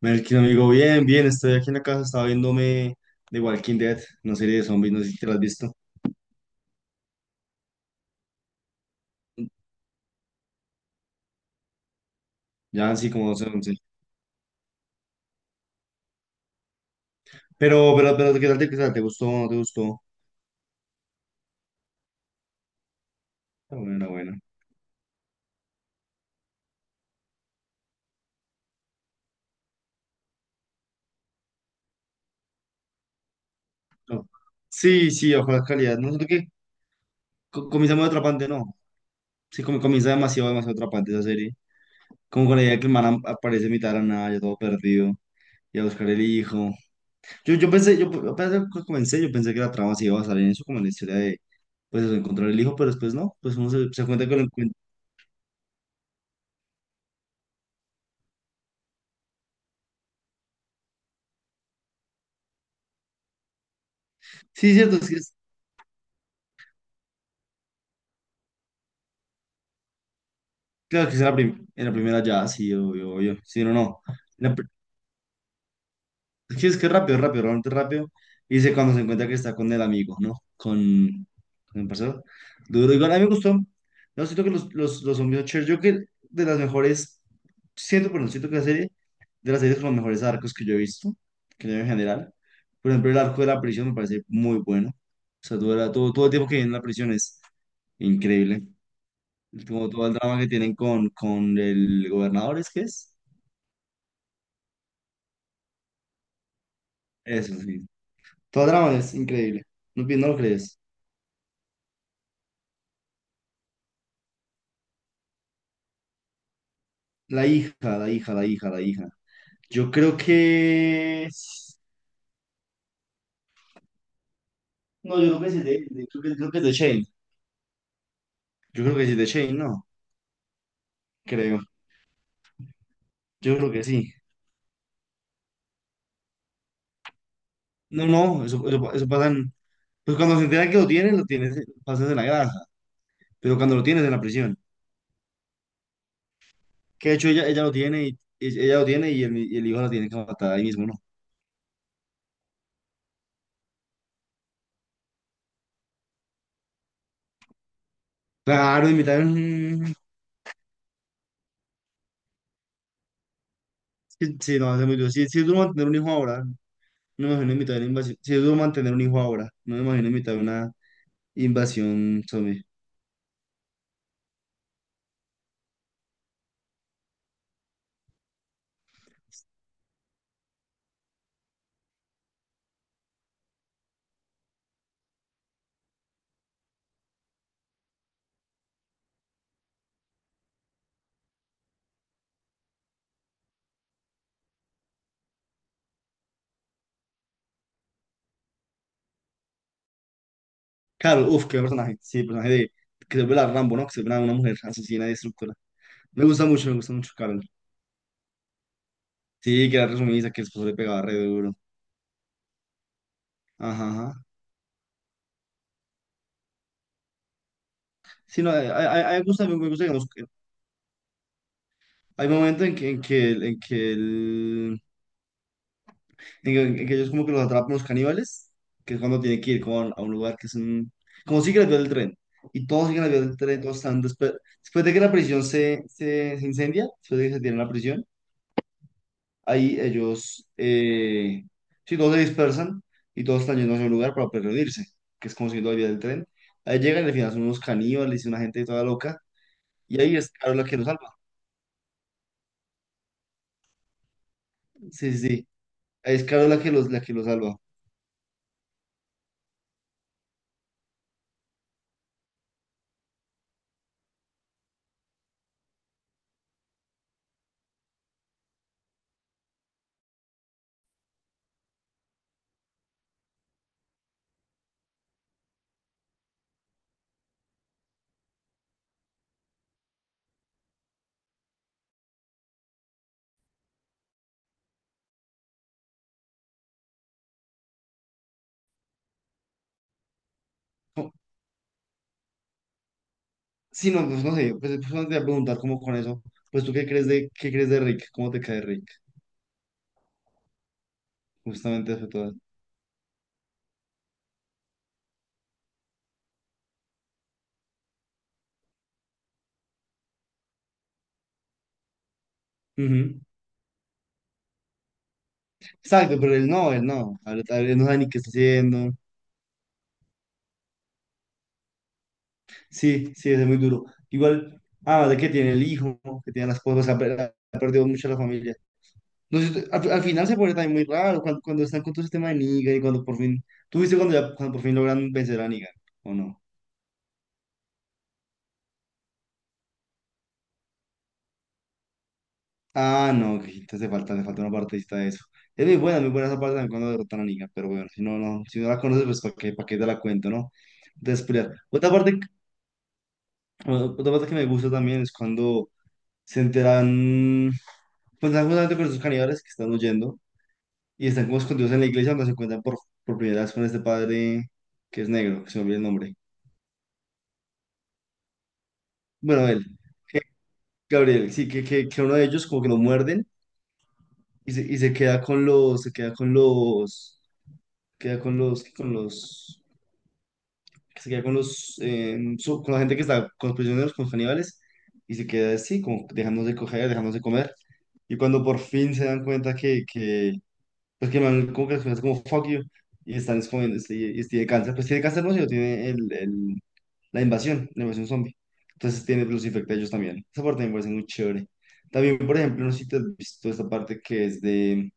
Melkin, amigo, bien, bien, estoy aquí en la casa, estaba viéndome The Walking Dead, una serie de zombies, no sé si te la has visto. Ya han sí, como 12, 11. Pero, ¿qué tal qué tal? ¿Te gustó? ¿No te gustó? Está buena, buena. No. Sí, sí, ojalá calidad. No siento que comienza muy atrapante, no. Sí, comienza demasiado atrapante esa serie. Como con la idea de que el man aparece en mitad de la nada, ya todo perdido, y a buscar el hijo. Yo pensé, cuando comencé, yo pensé que la trama se iba a basar en eso, como en la historia de, pues, eso, encontrar el hijo, pero después no, pues uno se cuenta que lo encuentra. Sí, cierto, es que claro que es en la, en la primera ya, sí, obvio, obvio, sí, no, no. La pr- es que es rápido, rápido, realmente rápido. Y dice cuando se encuentra que está con el amigo, ¿no? Con el parcero. Duro, igual, a mí me gustó. No, siento que los zombies Cher, yo creo que de las mejores, siento, perdón, siento que la serie, de las series con los mejores arcos que yo he visto, que yo en general. Por ejemplo, el arco de la prisión me parece muy bueno. O sea, todo el tiempo que viene en la prisión es increíble. Como todo el drama que tienen con el gobernador, ¿es que es? Eso, sí. Todo el drama es increíble. No, no lo crees. La hija. Yo creo que... No, yo creo que sí es de, de creo que es de Shane. Yo creo que sí es de Shane, ¿no? Creo. Yo creo que sí. No, no, eso pasa en... Pues cuando se entera que lo lo tienes, pasas en la granja. Pero cuando lo tienes en la prisión. Que de hecho ella lo tiene y el, y el hijo la tiene que matar ahí mismo, ¿no? Claro, invitar. Sí, sí, no, hace mucho. Sí, sí es duro mantener un hijo ahora. No me imagino en mitad de una invasión. Sí es duro mantener un hijo ahora. No me imagino en mitad de una invasión zombie. Claro, uff, qué personaje. Sí, el personaje de que se vuelve la Rambo, ¿no? Que se vuelve una mujer asesina y destructora. Me gusta mucho, Carol. Sí, que era resumida, que el esposo le pegaba re duro. Ajá, ajá. Sí, no, a mí me gusta, digamos, que hay momentos en en que él Digo, que ellos como que los atrapan los caníbales, que es cuando tiene que ir con a un lugar que es un... Como siguen las vías del tren. Y todos siguen las vías del tren, todos están... Después, después de que la prisión se incendia, después de que se tiene la prisión, ahí ellos... sí, todos se dispersan y todos están yendo hacia un lugar para pues, reunirse, que es como siguiendo las vías del tren. Ahí llegan y al final son unos caníbales y una gente toda loca. Y ahí es Carol la que los salva. Sí, sí, sí. Ahí es Carol la que la que los salva. Sí, no, pues no sé, no te voy a preguntar cómo con eso, pues tú qué crees qué crees de Rick, cómo te cae Rick, justamente eso todo. Ujú. Exacto, pero él no, a ver, él no sabe ni qué está haciendo, sí, sí, es muy duro. Igual, ah, de que tiene el hijo, que tiene las cosas, ha perdido mucho la familia. No sé, al final se pone también muy raro cuando están con todo ese tema de Negan y cuando por fin, ¿tú viste cuando por fin logran vencer a Negan, o no? Ah, no, que entonces te falta, le falta una partecita de eso. Es muy buena esa parte también cuando derrotan a Negan, pero bueno, si no, no, si no la conoces, pues para qué te la cuento, ¿no? Entonces, pelear. Otra parte que me gusta también es cuando se enteran, pues están justamente con esos caníbales que están huyendo y están como escondidos en la iglesia donde se encuentran por primera vez con este padre que es negro, que se me olvida el nombre. Bueno, él, Gabriel, sí, que uno de ellos como que lo muerden y y se queda con los, se queda con los que se queda con los con la gente que está con los prisioneros, con los caníbales, y se queda así, como dejándose coger, dejándose comer. Y cuando por fin se dan cuenta que pues que el man como que es como fuck you, y están escondiendo, y tiene cáncer, pues tiene cáncer, no, sino tiene la invasión zombie. Entonces tiene, los infecta a ellos también. Esa parte me parece muy chévere. También, por ejemplo, no sé si te has visto esta parte que es de,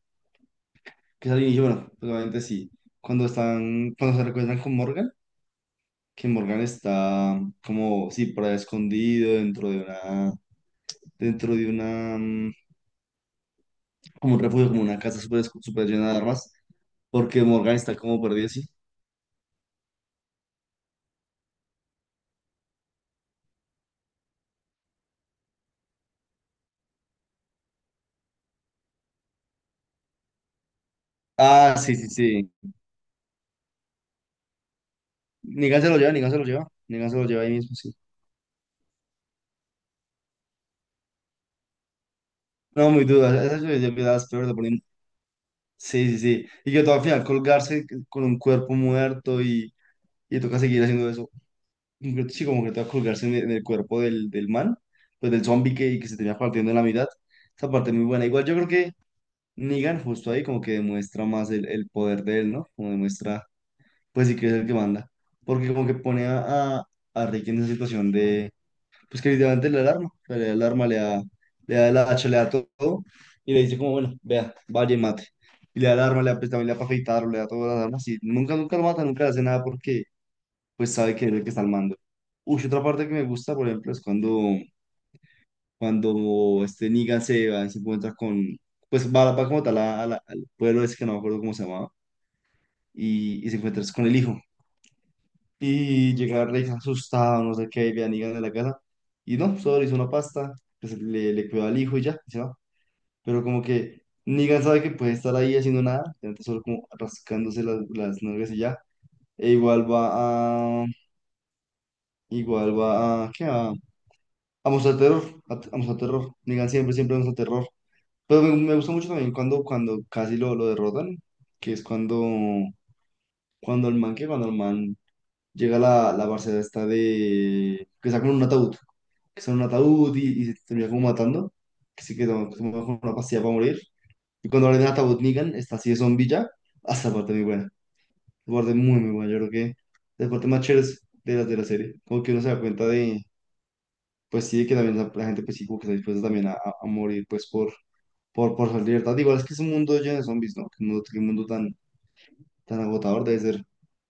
que es al inicio, bueno, probablemente sí, cuando están, cuando se recuerdan con Morgan que Morgan está como, sí, por ahí escondido dentro de una, dentro de una, como un refugio, como una casa súper super llena de armas, porque Morgan está como perdido, sí. Ah, sí, sí, sí. Negan se lo lleva ahí mismo, sí. No, muy duda, esa yo vi las peores de Poniente. Sí, sí, sí. Y que todo al final colgarse con un cuerpo muerto y toca seguir haciendo eso. Sí, como que toca colgarse en en el cuerpo del man, pues del zombie que se tenía partiendo en la mitad. Esa parte muy buena. Igual yo creo Negan justo ahí como que demuestra más el poder de él, ¿no? Como demuestra, pues sí que es el que manda. Porque como que pone a Rick en esa situación de, pues que literalmente le da el arma, o sea, le da el arma, le da el hacha, le da todo, y le dice como, bueno, vea, vaya y mate. Y le da el arma, le da, pues, también le da para afeitarlo, le da todas las armas, y nunca, nunca lo mata, nunca le hace nada porque pues sabe que es el que está al mando. Uy, otra parte que me gusta, por ejemplo, es cuando este Negan se va y se encuentra con, pues va, va como tal al pueblo ese que no me acuerdo cómo se llamaba, y se encuentra con el hijo. Y llega Rex asustado, no sé qué, y ve a Negan en la casa, y no, solo le hizo una pasta, pues le cuidó al hijo y ya, y se va. Pero como que Negan sabe que puede estar ahí haciendo nada, entonces solo como rascándose las nalgas y ya. E a, igual va a, ¿qué? A mostrar terror, a mostrar terror. Negan siempre, siempre muestra terror. Pero me gustó mucho también cuando casi lo derrotan, que es cuando, cuando el man, que cuando el man llega a la parcela esta de... que sacan un ataúd, que son un ataúd y se termina como matando, que sí que toma, que se toma como una pastilla para morir. Y cuando abren el ataúd Negan, está así de zombie ya, hasta parte muy buena, esa parte muy, muy buena, yo creo que es la parte más chévere de de la serie, como que uno se da cuenta de, pues sí, de que también la gente pues sí como que está dispuesta también a morir pues por por su libertad. Igual es que es un mundo lleno de zombies, ¿no? Que mundo tan, tan agotador debe ser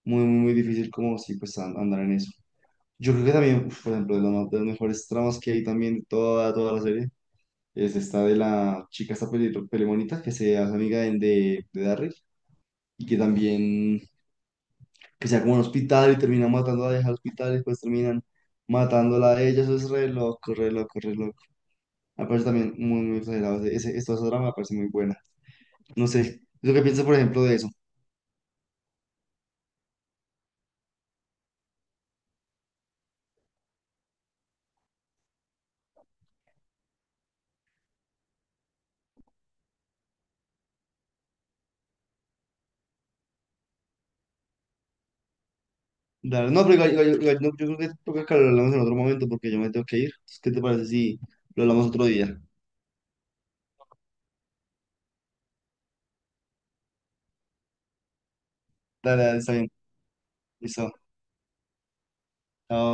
muy, muy, muy difícil como si pues andar en eso. Yo creo que también, uf, por ejemplo, de las mejores tramas que hay también de toda, toda la serie es esta de la chica, esta pelimonita, que se hace amiga de Darryl y que también, que sea como en un hospital y termina matando a la hija al hospital y después terminan matándola a ella. Eso es re loco, re loco, re loco. Me parece también muy, muy exagerado. Esa trama me parece muy buena. No sé, ¿tú qué piensas, por ejemplo, de eso? Dale, no, pero igual, no, yo creo que toca que lo hablamos en otro momento porque yo me tengo que ir. Entonces, ¿qué te parece si lo hablamos otro día? Dale, dale, está bien. Listo. Chao.